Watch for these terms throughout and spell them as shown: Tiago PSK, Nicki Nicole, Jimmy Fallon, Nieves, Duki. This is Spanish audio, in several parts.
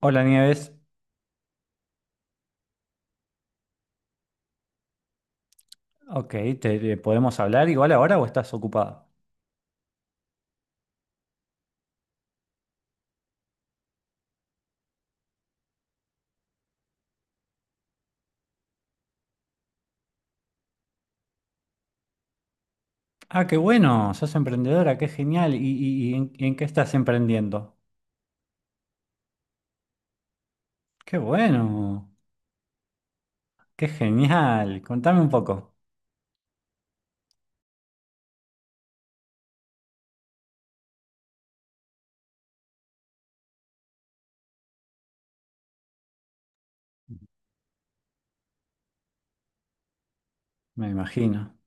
Hola Nieves, ok, podemos hablar igual ahora o estás ocupada? Ah, qué bueno, sos emprendedora, qué genial. ¿Y en qué estás emprendiendo? Qué bueno, qué genial. Contame un poco. Me imagino.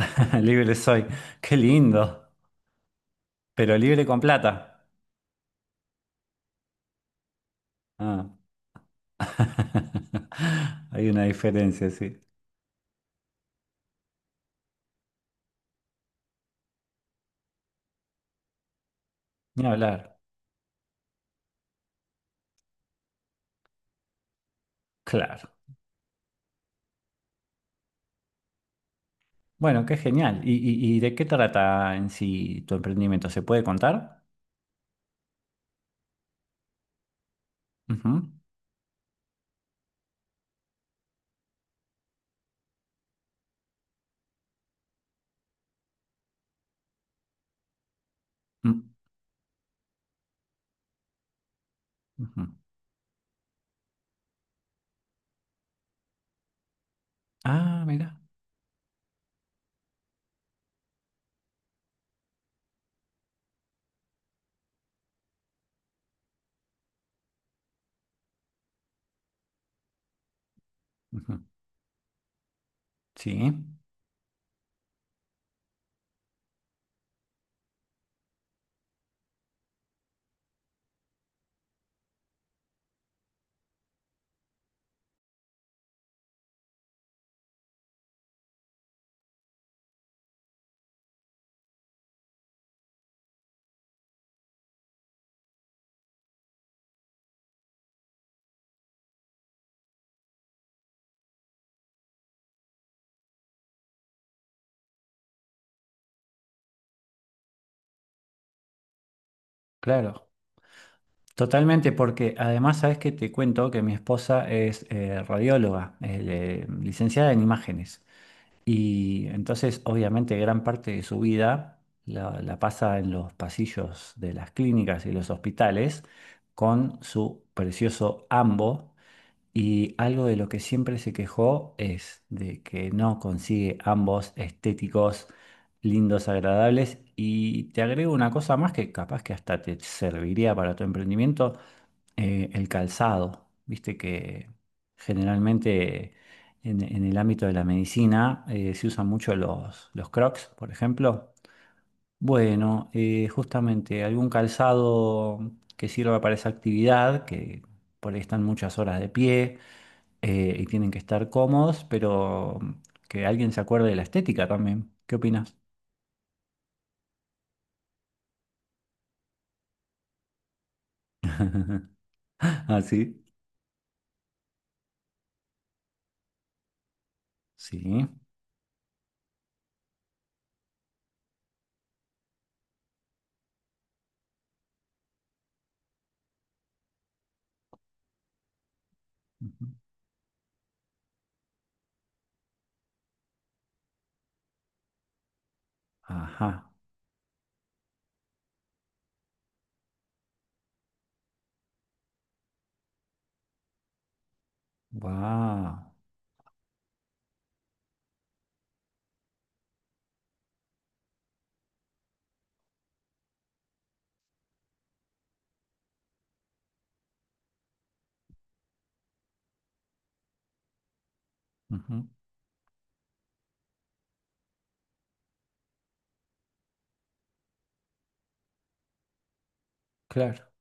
Libre soy. Qué lindo, pero libre con plata. Ah. Hay una diferencia, sí. Ni hablar. Claro. Bueno, qué genial. ¿Y de qué trata en sí tu emprendimiento? ¿Se puede contar? Ujú, mm, ujú. Ah, mira. Ujú. Sí, claro. Totalmente, porque además sabes que te cuento que mi esposa es radióloga, licenciada en imágenes. Y entonces, obviamente, gran parte de su vida la pasa en los pasillos de las clínicas y los hospitales con su precioso ambo. Y algo de lo que siempre se quejó es de que no consigue ambos estéticos lindos, agradables. Y te agrego una cosa más que capaz que hasta te serviría para tu emprendimiento, el calzado. Viste que generalmente en el ámbito de la medicina se usan mucho los Crocs, por ejemplo. Bueno, justamente algún calzado que sirva para esa actividad, que por ahí están muchas horas de pie y tienen que estar cómodos, pero que alguien se acuerde de la estética también. ¿Qué opinas? Ah, sí. Sí. Ujú. Ajá. Wow. Claro.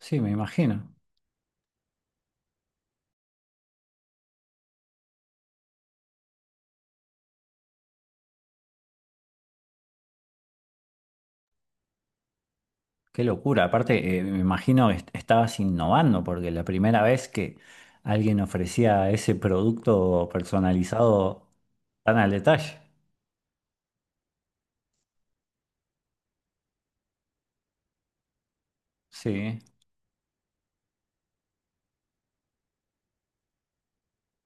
Sí, me imagino. Qué locura. Aparte, me imagino que estabas innovando, porque la primera vez que alguien ofrecía ese producto personalizado tan al detalle. Sí.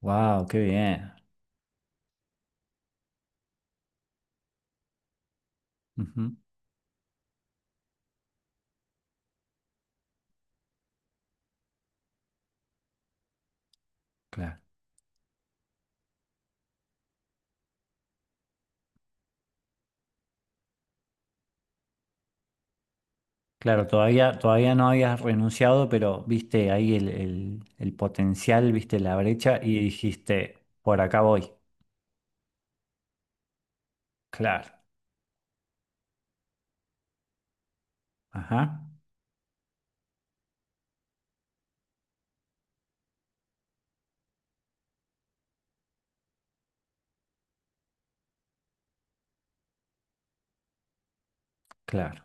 Wow, qué bien. Ujú, claro. Claro, todavía no habías renunciado, pero viste ahí el, el potencial, viste la brecha y dijiste, por acá voy. Claro. Ajá. Claro.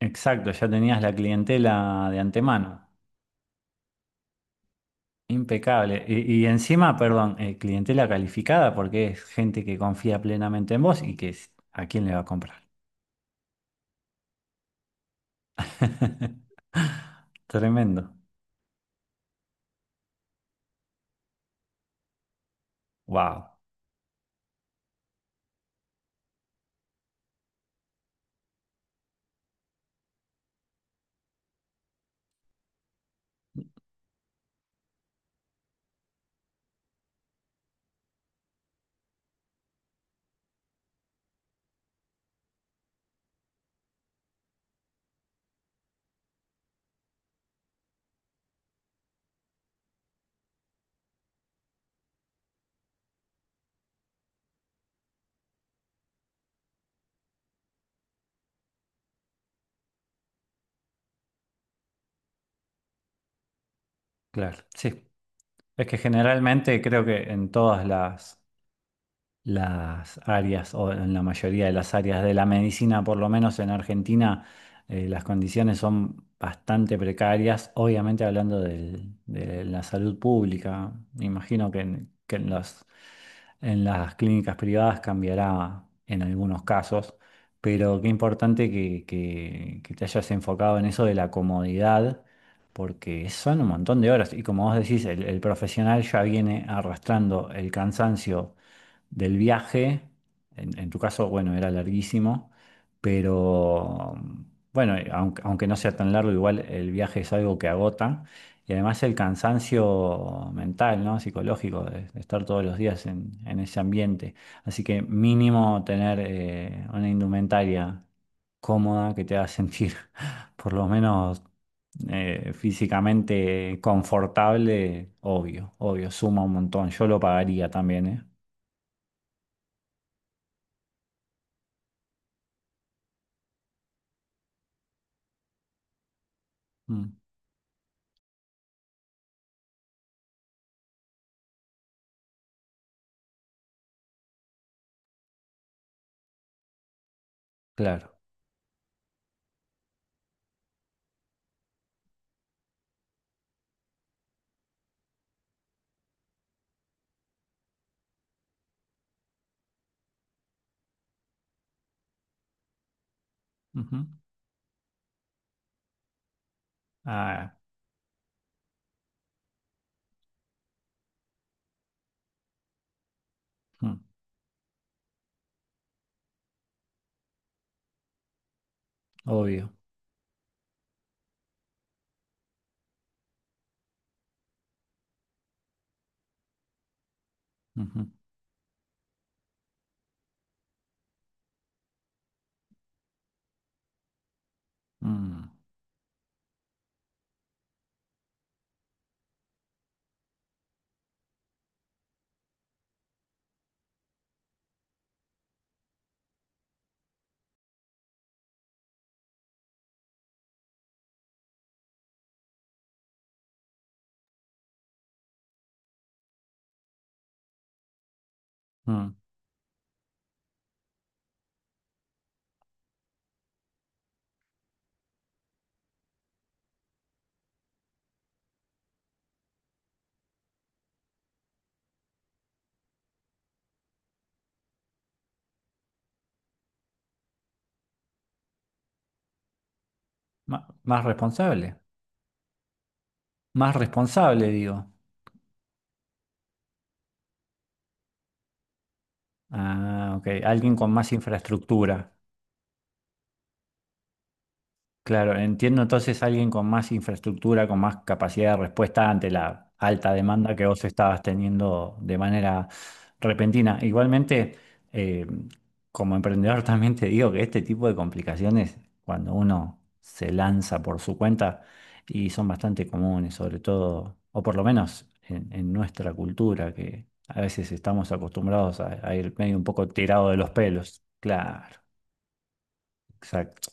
Exacto, ya tenías la clientela de antemano. Impecable. Y encima, perdón, clientela calificada porque es gente que confía plenamente en vos y que a quién le va a comprar. Tremendo. Wow. Claro. Sí. Es que generalmente creo que en todas las áreas, o en la mayoría de las áreas de la medicina, por lo menos en Argentina, las condiciones son bastante precarias, obviamente hablando de la salud pública. Me imagino que que en en las clínicas privadas cambiará en algunos casos, pero qué importante que te hayas enfocado en eso de la comodidad. Porque son un montón de horas y como vos decís, el profesional ya viene arrastrando el cansancio del viaje. En tu caso, bueno, era larguísimo, pero bueno, aunque no sea tan largo, igual el viaje es algo que agota. Y además el cansancio mental, ¿no? Psicológico, de estar todos los días en ese ambiente. Así que mínimo tener una indumentaria cómoda que te haga sentir por lo menos físicamente confortable, obvio, obvio, suma un montón. Yo lo pagaría también, ¿eh? Mm. Claro. Ujú. Ah, mm, obvio. Ujú. Mm, mm. Más responsable. Más responsable, digo. Ah, ok. Alguien con más infraestructura. Claro, entiendo entonces alguien con más infraestructura, con más capacidad de respuesta ante la alta demanda que vos estabas teniendo de manera repentina. Igualmente, eh, como emprendedor también te digo que este tipo de complicaciones, cuando uno se lanza por su cuenta, y son bastante comunes, sobre todo, o por lo menos en nuestra cultura, que a veces estamos acostumbrados a ir medio un poco tirado de los pelos. Claro, exacto,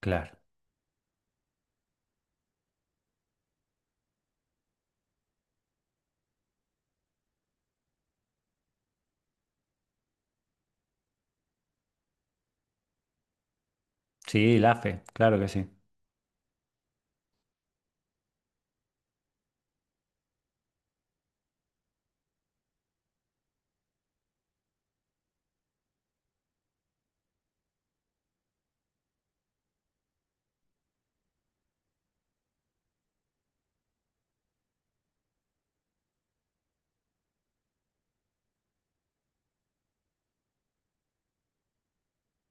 claro. Sí, la fe, claro que sí.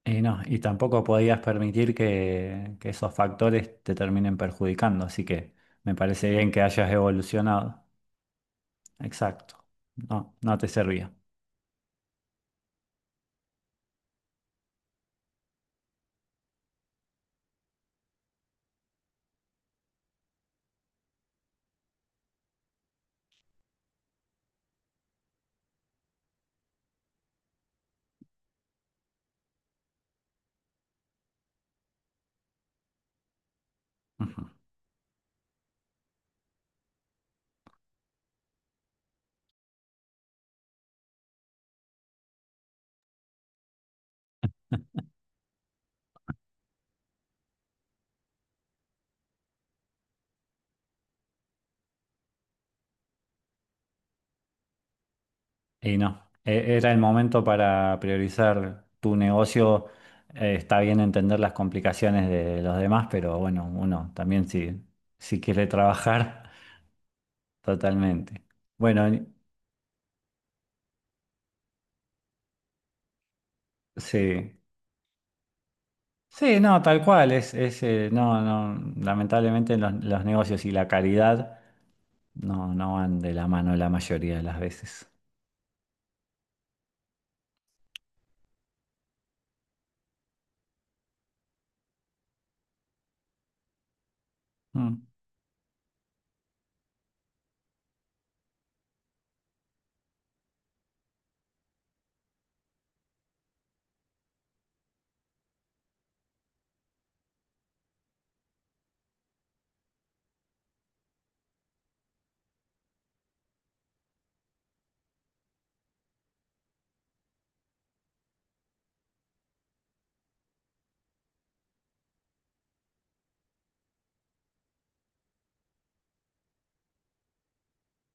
Y no, y tampoco podías permitir que esos factores te terminen perjudicando, así que me parece bien que hayas evolucionado. Exacto. No, no te servía. Ujú. Y no, era el momento para priorizar tu negocio. Está bien entender las complicaciones de los demás, pero bueno, uno también si, si quiere trabajar, totalmente. Bueno, sí. Sí, no, tal cual, es, no, no, lamentablemente los negocios y la caridad no, no van de la mano la mayoría de las veces. Mm,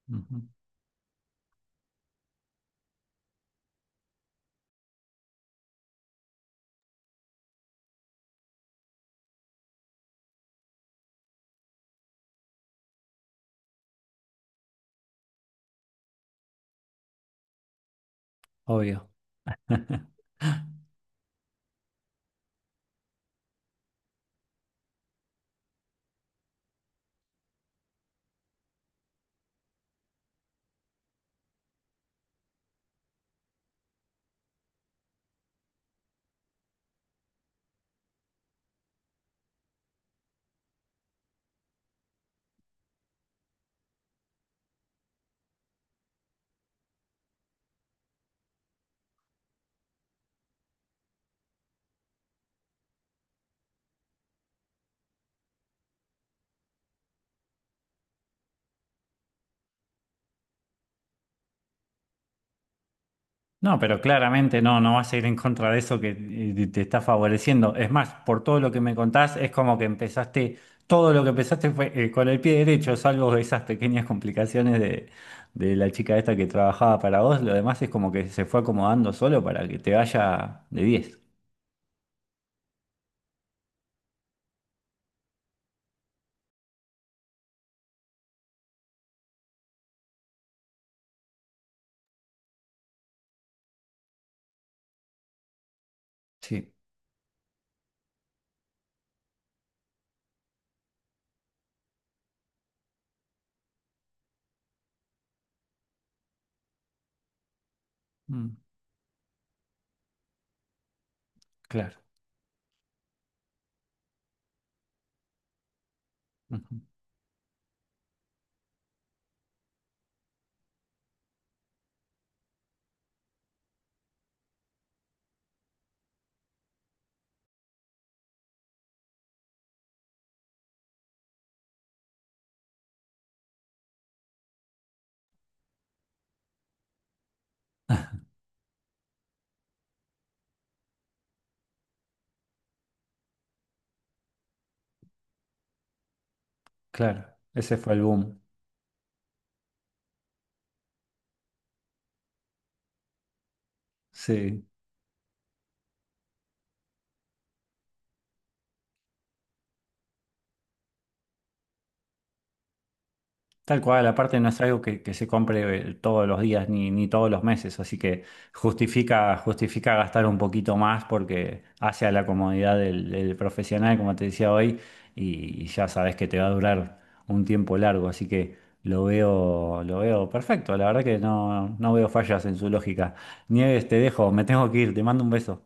ujú, obvio. No, pero claramente no, no vas a ir en contra de eso que te está favoreciendo. Es más, por todo lo que me contás, es como que empezaste, todo lo que empezaste fue con el pie derecho, salvo esas pequeñas complicaciones de la chica esta que trabajaba para vos. Lo demás es como que se fue acomodando solo para que te vaya de 10. Sí. Mm, claro, ujú, claro, ese fue el boom. Sí, tal cual, aparte no es algo que se compre todos los días ni, ni todos los meses, así que justifica, justifica gastar un poquito más porque hace a la comodidad del, del profesional, como te decía hoy, y ya sabes que te va a durar un tiempo largo, así que lo veo perfecto, la verdad que no, no veo fallas en su lógica. Nieves, te dejo, me tengo que ir, te mando un beso.